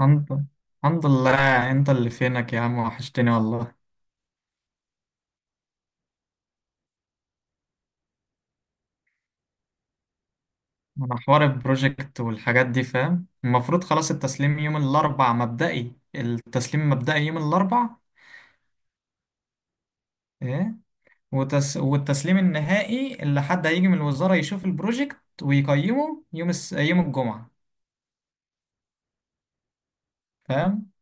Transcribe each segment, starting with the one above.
الحمد الحمد لله، انت اللي فينك يا عم، وحشتني والله. انا حوار البروجكت والحاجات دي، فاهم؟ المفروض خلاص التسليم يوم الاربع مبدئي، التسليم مبدئي يوم الاربع. ايه؟ والتسليم النهائي اللي حد هيجي من الوزارة يشوف البروجكت ويقيمه يوم يوم الجمعة. فاهم؟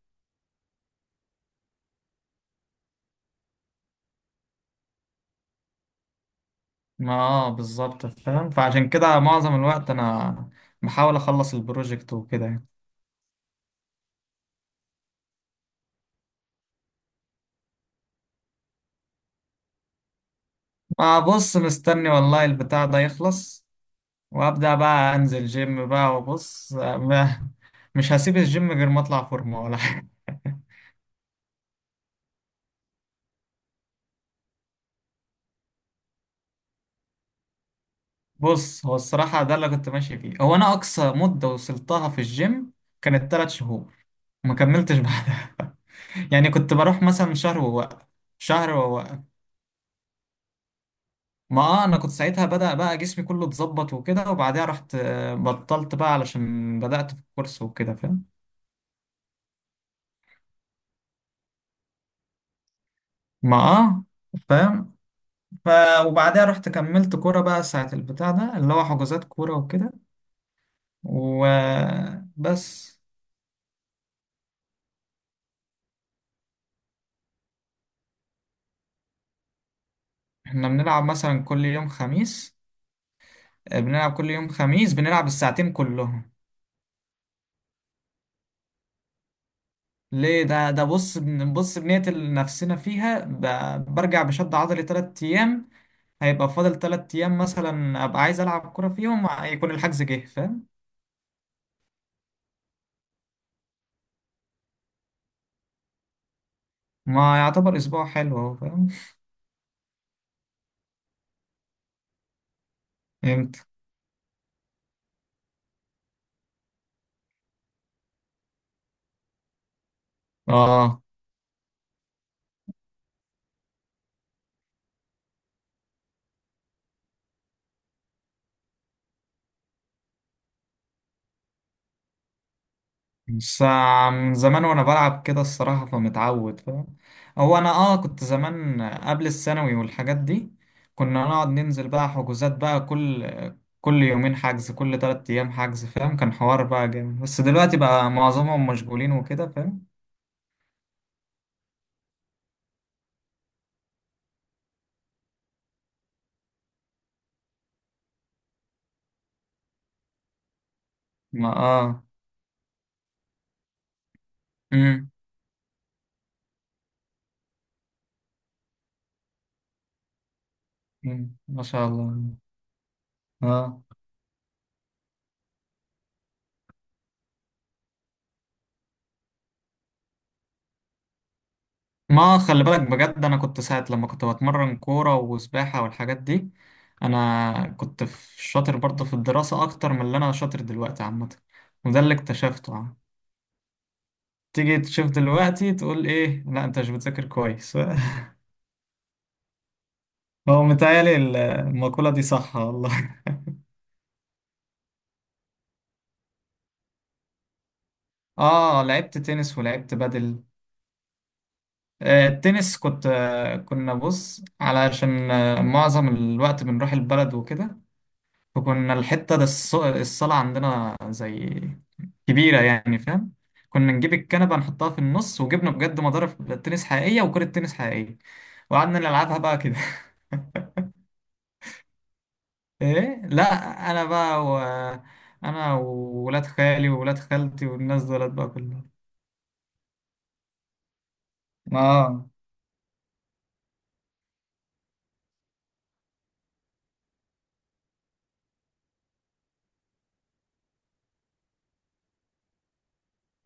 ما بالظبط فاهم، فعشان كده معظم الوقت انا بحاول اخلص البروجكت وكده يعني. ما بص، مستني والله البتاع ده يخلص وابدا بقى انزل جيم بقى وبص، ما مش هسيب الجيم غير ما اطلع فورمه ولا حاجه. بص، هو الصراحه ده اللي كنت ماشي فيه، هو انا اقصى مده وصلتها في الجيم كانت 3 شهور. ما كملتش بعدها يعني كنت بروح مثلا شهر ووقف شهر ووقف. ما انا كنت ساعتها بدأ بقى جسمي كله اتظبط وكده، وبعدها رحت بطلت بقى علشان بدأت في الكورس وكده. فاهم؟ ما فاهم. ف وبعدها رحت كملت كورة بقى ساعة، البتاع ده اللي هو حجوزات كورة وكده. وبس. احنا بنلعب مثلا كل يوم خميس. بنلعب كل يوم خميس بنلعب الساعتين كلهم. ليه؟ ده بص بص بنقتل نفسنا فيها، برجع بشد عضلي 3 أيام. هيبقى فاضل 3 أيام مثلا أبقى عايز ألعب كورة فيهم يكون الحجز جه. فاهم؟ ما يعتبر أسبوع حلو أهو. فاهم؟ فهمت؟ اه. بس من زمان وانا بلعب كده الصراحة، فمتعود. فاهم؟ هو انا كنت زمان قبل الثانوي والحاجات دي كنا نقعد ننزل بقى حجوزات بقى كل يومين حجز، كل 3 ايام حجز. فاهم؟ كان حوار بقى جامد، بس دلوقتي بقى معظمهم مشغولين وكده. فاهم؟ ما امم. أمم، ما شاء الله. اه. ما خلي بالك بجد، انا كنت ساعة لما كنت بتمرن كورة وسباحة والحاجات دي، انا كنت شاطر برضه في الدراسة اكتر من اللي انا شاطر دلوقتي عامة. وده اللي اكتشفته يعني. تيجي تشوف دلوقتي تقول ايه، لا انت مش بتذاكر كويس هو متهيألي المقولة دي صح والله. اه، لعبت تنس ولعبت بدل. التنس كنت، كنا بص علشان معظم الوقت بنروح البلد وكده. فكنا الحتة ده الصالة عندنا زي كبيرة يعني. فاهم؟ كنا نجيب الكنبة نحطها في النص وجبنا بجد مضارب تنس حقيقية وكرة تنس حقيقية. وقعدنا نلعبها بقى كده. ايه لا. انا بقى و... انا وولاد خالي وولاد خالتي والناس دولت بقى كلهم. اه.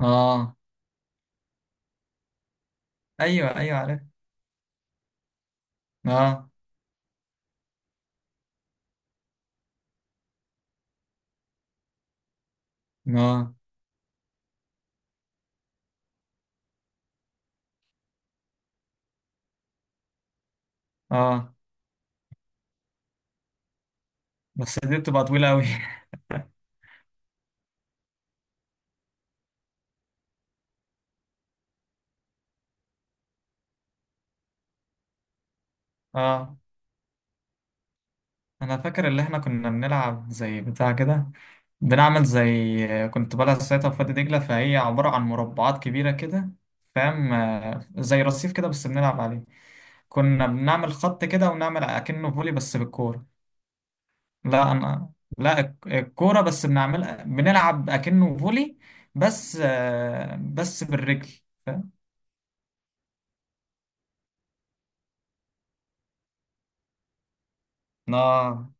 اه. ايوه ايوه، عارف. اه. اه. اه. بس دي بتبقى طويلة قوي اه، انا فاكر اللي احنا كنا بنلعب زي بتاع كده، بنعمل زي. كنت بلعب ساعتها في وادي دجلة، فهي عبارة عن مربعات كبيرة كده. فاهم؟ زي رصيف كده بس بنلعب عليه. كنا بنعمل خط كده ونعمل اكنه فولي بس بالكورة. لا انا، لا الكورة بس بنلعب اكنه فولي، بس بس بالرجل. فاهم؟ اه،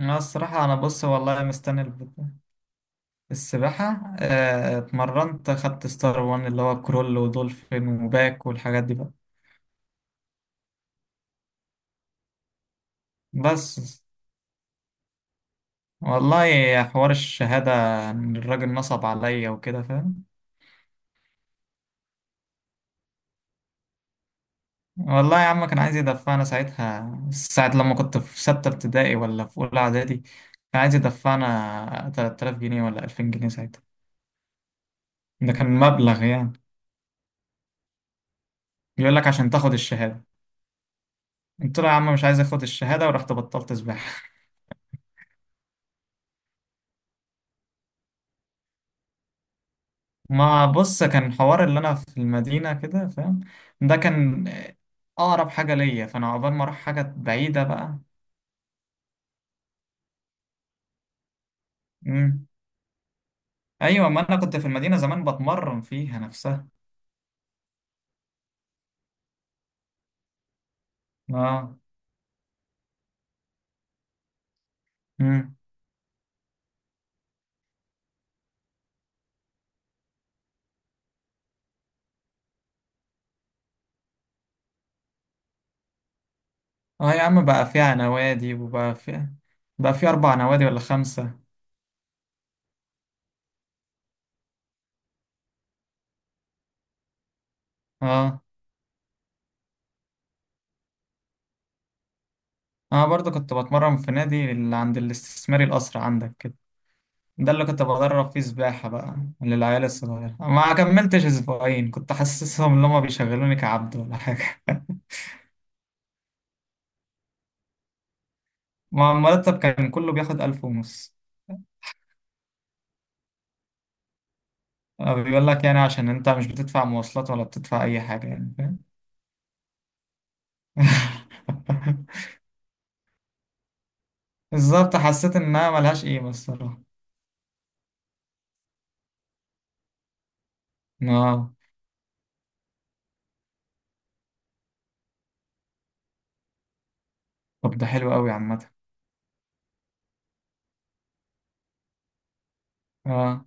انا الصراحة انا بص والله مستني البتاع. السباحة اتمرنت، خدت ستار وان اللي هو كرول ودولفين وباك والحاجات دي بقى. بس والله يا حوار الشهادة إن الراجل نصب عليا وكده. فاهم؟ والله يا عم كان عايز يدفعنا ساعتها، ساعة لما كنت في ستة ابتدائي ولا في أولى إعدادي، كان عايز يدفعنا 3000 جنيه ولا 2000 جنيه ساعتها. ده كان مبلغ يعني. يقول لك عشان تاخد الشهادة، قلت له يا عم مش عايز اخد الشهادة، ورحت بطلت سباحة. ما بص كان حوار اللي انا في المدينه كده، فاهم؟ ده كان اقرب حاجه ليا، فانا عقبال ما اروح حاجه بعيده بقى. امم. ايوه، ما انا كنت في المدينه زمان بتمرن فيها نفسها. اه. امم. اه يا عم، بقى فيها نوادي وبقى فيها، بقى في اربع نوادي ولا خمسه. اه، انا برضو كنت بتمرن في نادي اللي عند الاستثماري، القصر عندك كده. ده اللي كنت بدرب فيه سباحة بقى للعيال الصغيرة. ما كملتش أسبوعين، كنت حاسسهم إن هما بيشغلوني كعبد ولا حاجة. ما المرتب كان كله بياخد 1500. بيقول لك يعني عشان انت مش بتدفع مواصلات ولا بتدفع اي حاجة يعني. فاهم؟ بالظبط، حسيت انها ملهاش قيمة الصراحة. اه. طب ده حلو قوي عامة. اه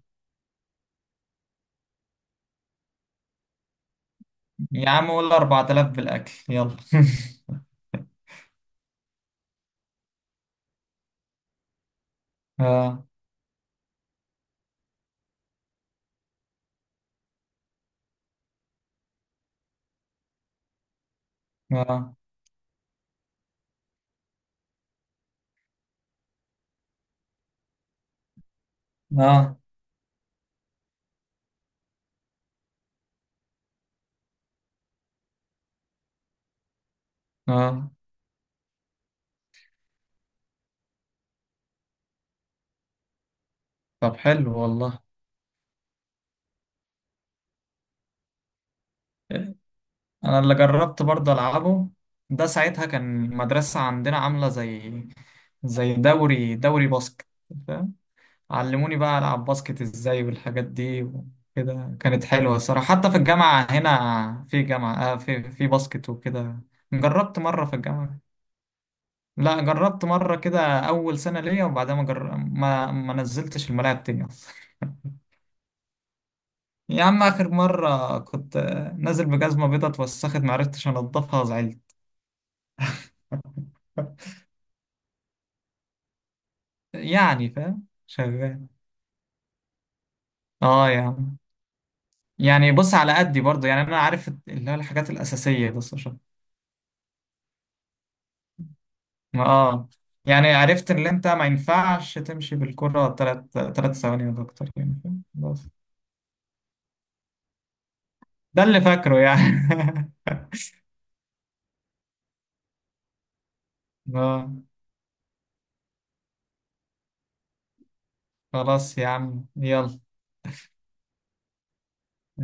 يا عم قول 4000 بالاكل يلا. اه، اه، اه، اه. طب حلو والله. انا اللي جربت برضه العبه. ده ساعتها كان المدرسة عندنا عاملة زي دوري باسكت. علموني بقى ألعب باسكت إزاي والحاجات دي وكده، كانت حلوة الصراحة. حتى في الجامعة هنا في جامعة في باسكت وكده. جربت مرة في الجامعة. لا جربت مرة كده أول سنة ليا، وبعدها ما, جر... ما ما نزلتش الملاعب تاني أصلا يا عم آخر مرة كنت نازل بجزمة بيضة، اتوسخت معرفتش أنضفها وزعلت. يعني فاهم، شغال. اه يا عم. يعني بص، على قدي برضه يعني، أنا عارف اللي هو الحاجات الأساسية بس. اه. يعني عرفت ان انت ما ينفعش تمشي بالكرة تلات ثواني ولا اكتر يعني. فاهم؟ بس ده اللي فاكره يعني. اه خلاص يا عم يلا.